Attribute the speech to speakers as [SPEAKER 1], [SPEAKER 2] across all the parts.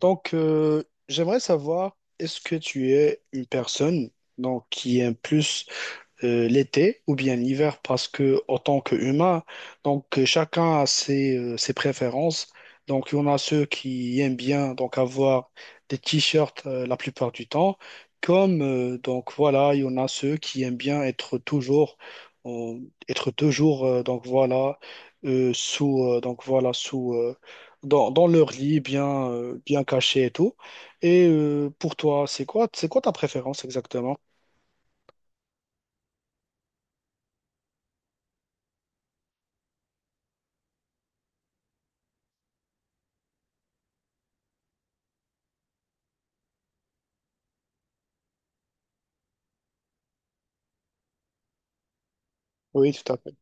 [SPEAKER 1] J'aimerais savoir, est-ce que tu es une personne qui aime plus l'été ou bien l'hiver, parce que en tant qu'humain, chacun a ses préférences. Donc il y en a ceux qui aiment bien donc avoir des t-shirts, la plupart du temps, comme donc voilà, il y en a ceux qui aiment bien être toujours en- être toujours donc voilà, sous donc voilà, sous dans leur lit bien bien caché et tout. Et pour toi, c'est quoi, c'est quoi ta préférence exactement? Oui, tout à fait.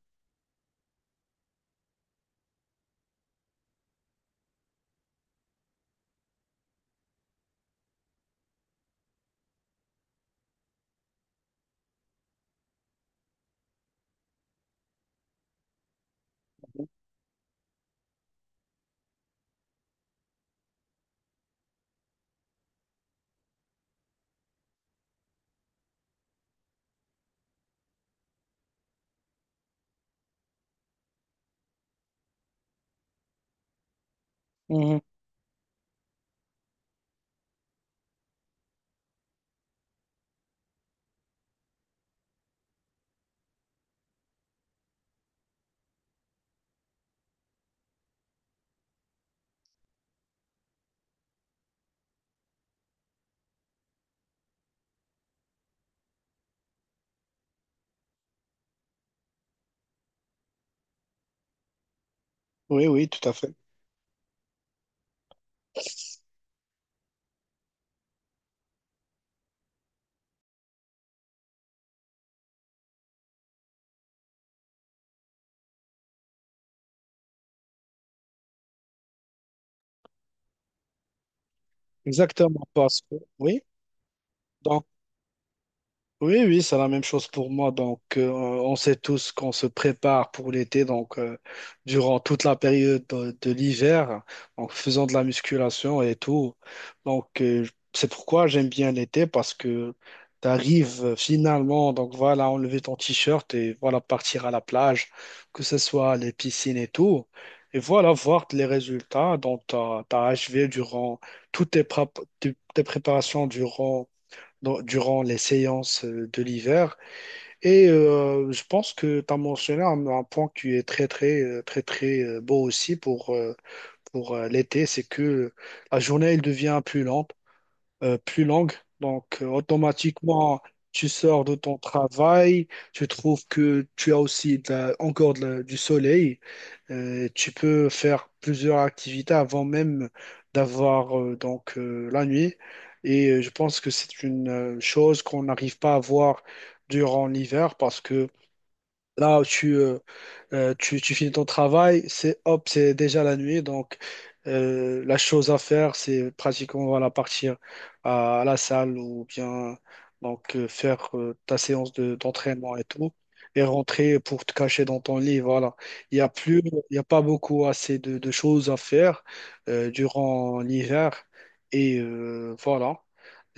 [SPEAKER 1] Oui, oui, tout à fait. Exactement, parce que, oui, dans. Oui, oui, c'est la même chose pour moi. On sait tous qu'on se prépare pour l'été. Durant toute la période de l'hiver, en faisant de la musculation et tout. Donc, euh, c'est pourquoi j'aime bien l'été, parce que tu arrives finalement, donc voilà, enlever ton t-shirt et voilà, partir à la plage, que ce soit les piscines et tout. Et voilà, voir les résultats dont tu as achevé durant toutes tes prép- tes préparations durant durant les séances de l'hiver. Et je pense que tu as mentionné un point qui est très, beau aussi pour l'été. C'est que la journée, elle devient plus lente, plus longue. Automatiquement, tu sors de ton travail, tu trouves que tu as aussi encore du soleil. Tu peux faire plusieurs activités avant même d'avoir la nuit. Et je pense que c'est une chose qu'on n'arrive pas à voir durant l'hiver, parce que là, tu finis ton travail, c'est hop, c'est déjà la nuit. La chose à faire, c'est pratiquement voilà, partir à la salle ou bien faire ta séance d'entraînement et tout, et rentrer pour te cacher dans ton lit. Voilà. Il n'y a plus, il y a pas beaucoup assez de choses à faire durant l'hiver. Et voilà.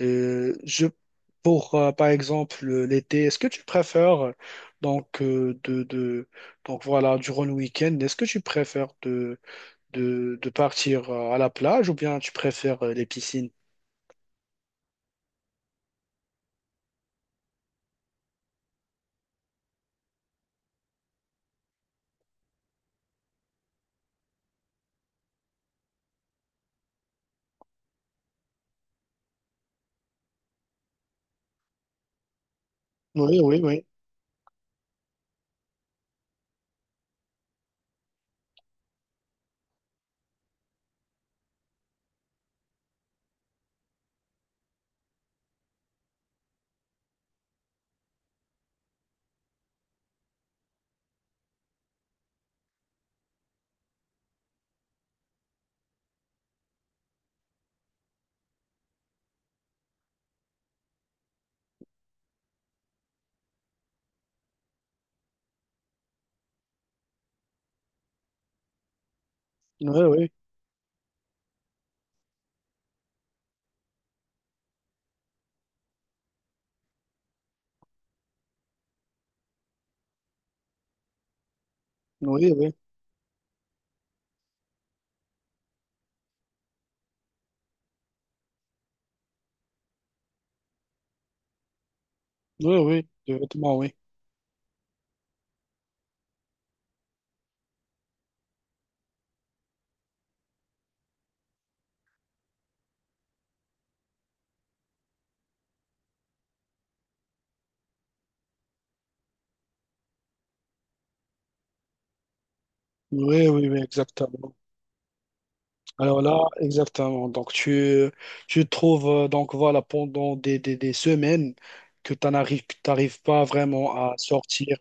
[SPEAKER 1] Euh, je, pour, par exemple, l'été, est-ce que tu préfères. Donc, euh, de, de- donc voilà, durant le week-end, est-ce que tu préfères de partir à la plage, ou bien tu préfères les piscines? Oui, oui, oui. Oui, oui. Oui, oui. Oui, oui. Les vêtements, oui. Oui, oui, oui, exactement. Alors là, exactement. Donc, tu trouves, donc voilà, pendant des semaines que tu t'arrives pas vraiment à sortir.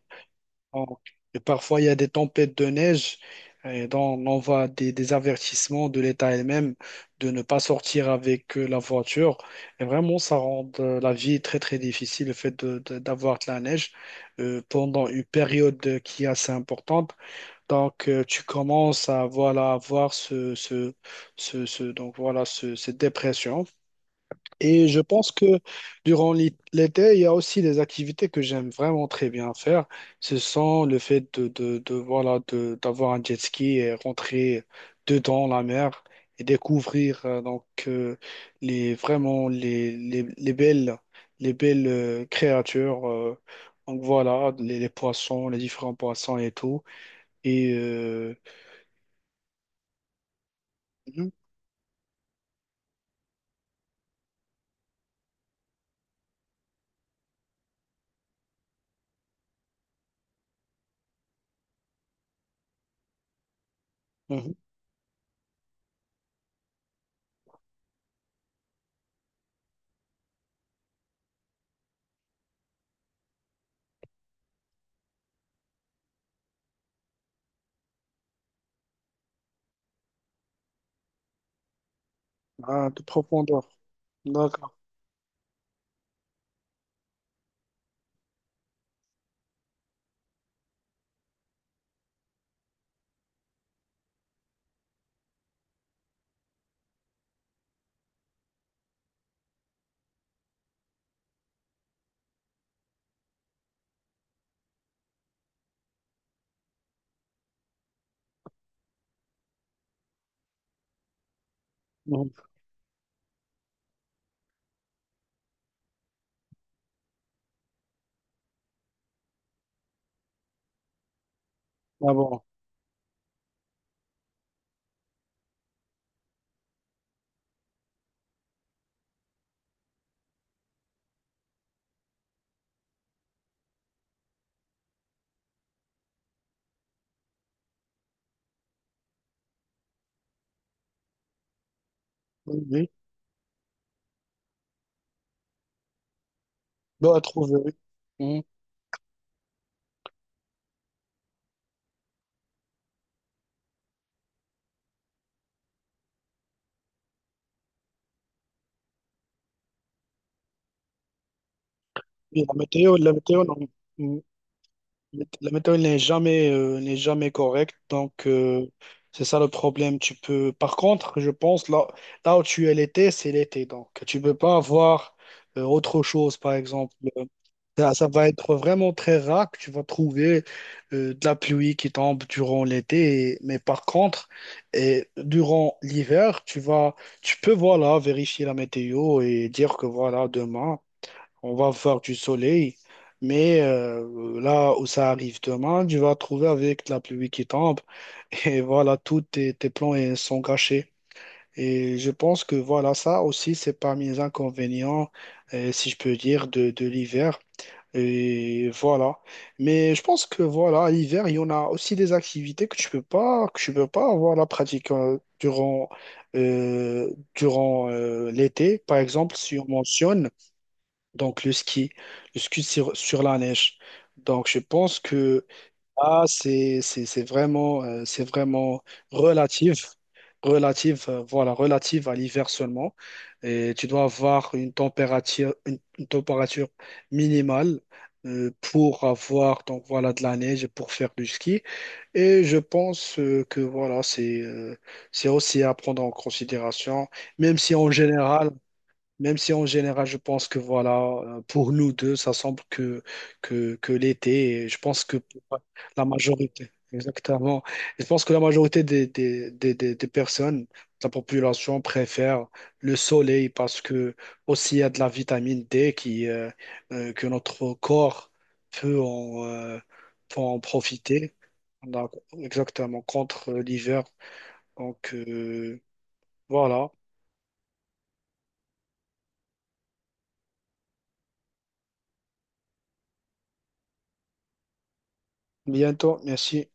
[SPEAKER 1] Donc, et parfois, il y a des tempêtes de neige, et donc, on envoie des avertissements de l'État elle-même de ne pas sortir avec la voiture. Et vraiment, ça rend la vie très, très difficile, le fait d'avoir de la neige pendant une période qui est assez importante. Tu commences à voilà, avoir donc voilà, cette dépression. Et je pense que durant l'été, il y a aussi des activités que j'aime vraiment très bien faire. Ce sont le fait voilà, d'avoir un jet ski et rentrer dedans la mer et découvrir les vraiment les belles, les belles créatures. Donc voilà, les poissons, les différents poissons et tout. Et mhm, mhm. Ah, de profondeur. D'accord. Mhm. Ah bon. Oui, oui. Bah, trouver, oui. Mhm. Oui, la météo, la météo, non. Mm. La météo n'est jamais, n'est jamais correcte, c'est ça le problème. Tu peux, par contre, je pense là, là où tu es l'été, c'est l'été, donc tu peux pas avoir autre chose, par exemple. Ça va être vraiment très rare que tu vas trouver de la pluie qui tombe durant l'été, et- mais par contre, et durant l'hiver, tu vas, tu peux voilà vérifier la météo et dire que voilà demain. On va voir du soleil, mais là où ça arrive demain, tu vas te trouver avec la pluie qui tombe. Et voilà, tous tes plans sont gâchés. Et je pense que voilà, ça aussi, c'est parmi les inconvénients, si je peux dire, de l'hiver. Et voilà. Mais je pense que voilà, à l'hiver, il y en a aussi des activités que tu peux pas, que tu peux pas avoir la pratique durant, euh, durant l'été. Par exemple, si on mentionne donc le ski sur, sur la neige. Donc je pense que là, c'est vraiment relative, relative, voilà, relative à l'hiver seulement. Et tu dois avoir une température, une température minimale, pour avoir donc voilà de la neige et pour faire du ski. Et je pense que voilà c'est aussi à prendre en considération, même si en Mm. général, même si en général, je pense que voilà, pour nous deux, ça semble que l'été, et je pense que pour la majorité, exactement, je pense que la majorité des personnes, de la population préfère le soleil, parce que aussi il y a de la vitamine D qui, que notre corps peut peut en profiter. Donc, exactement, contre l'hiver. Donc, euh, voilà. Bientôt, merci.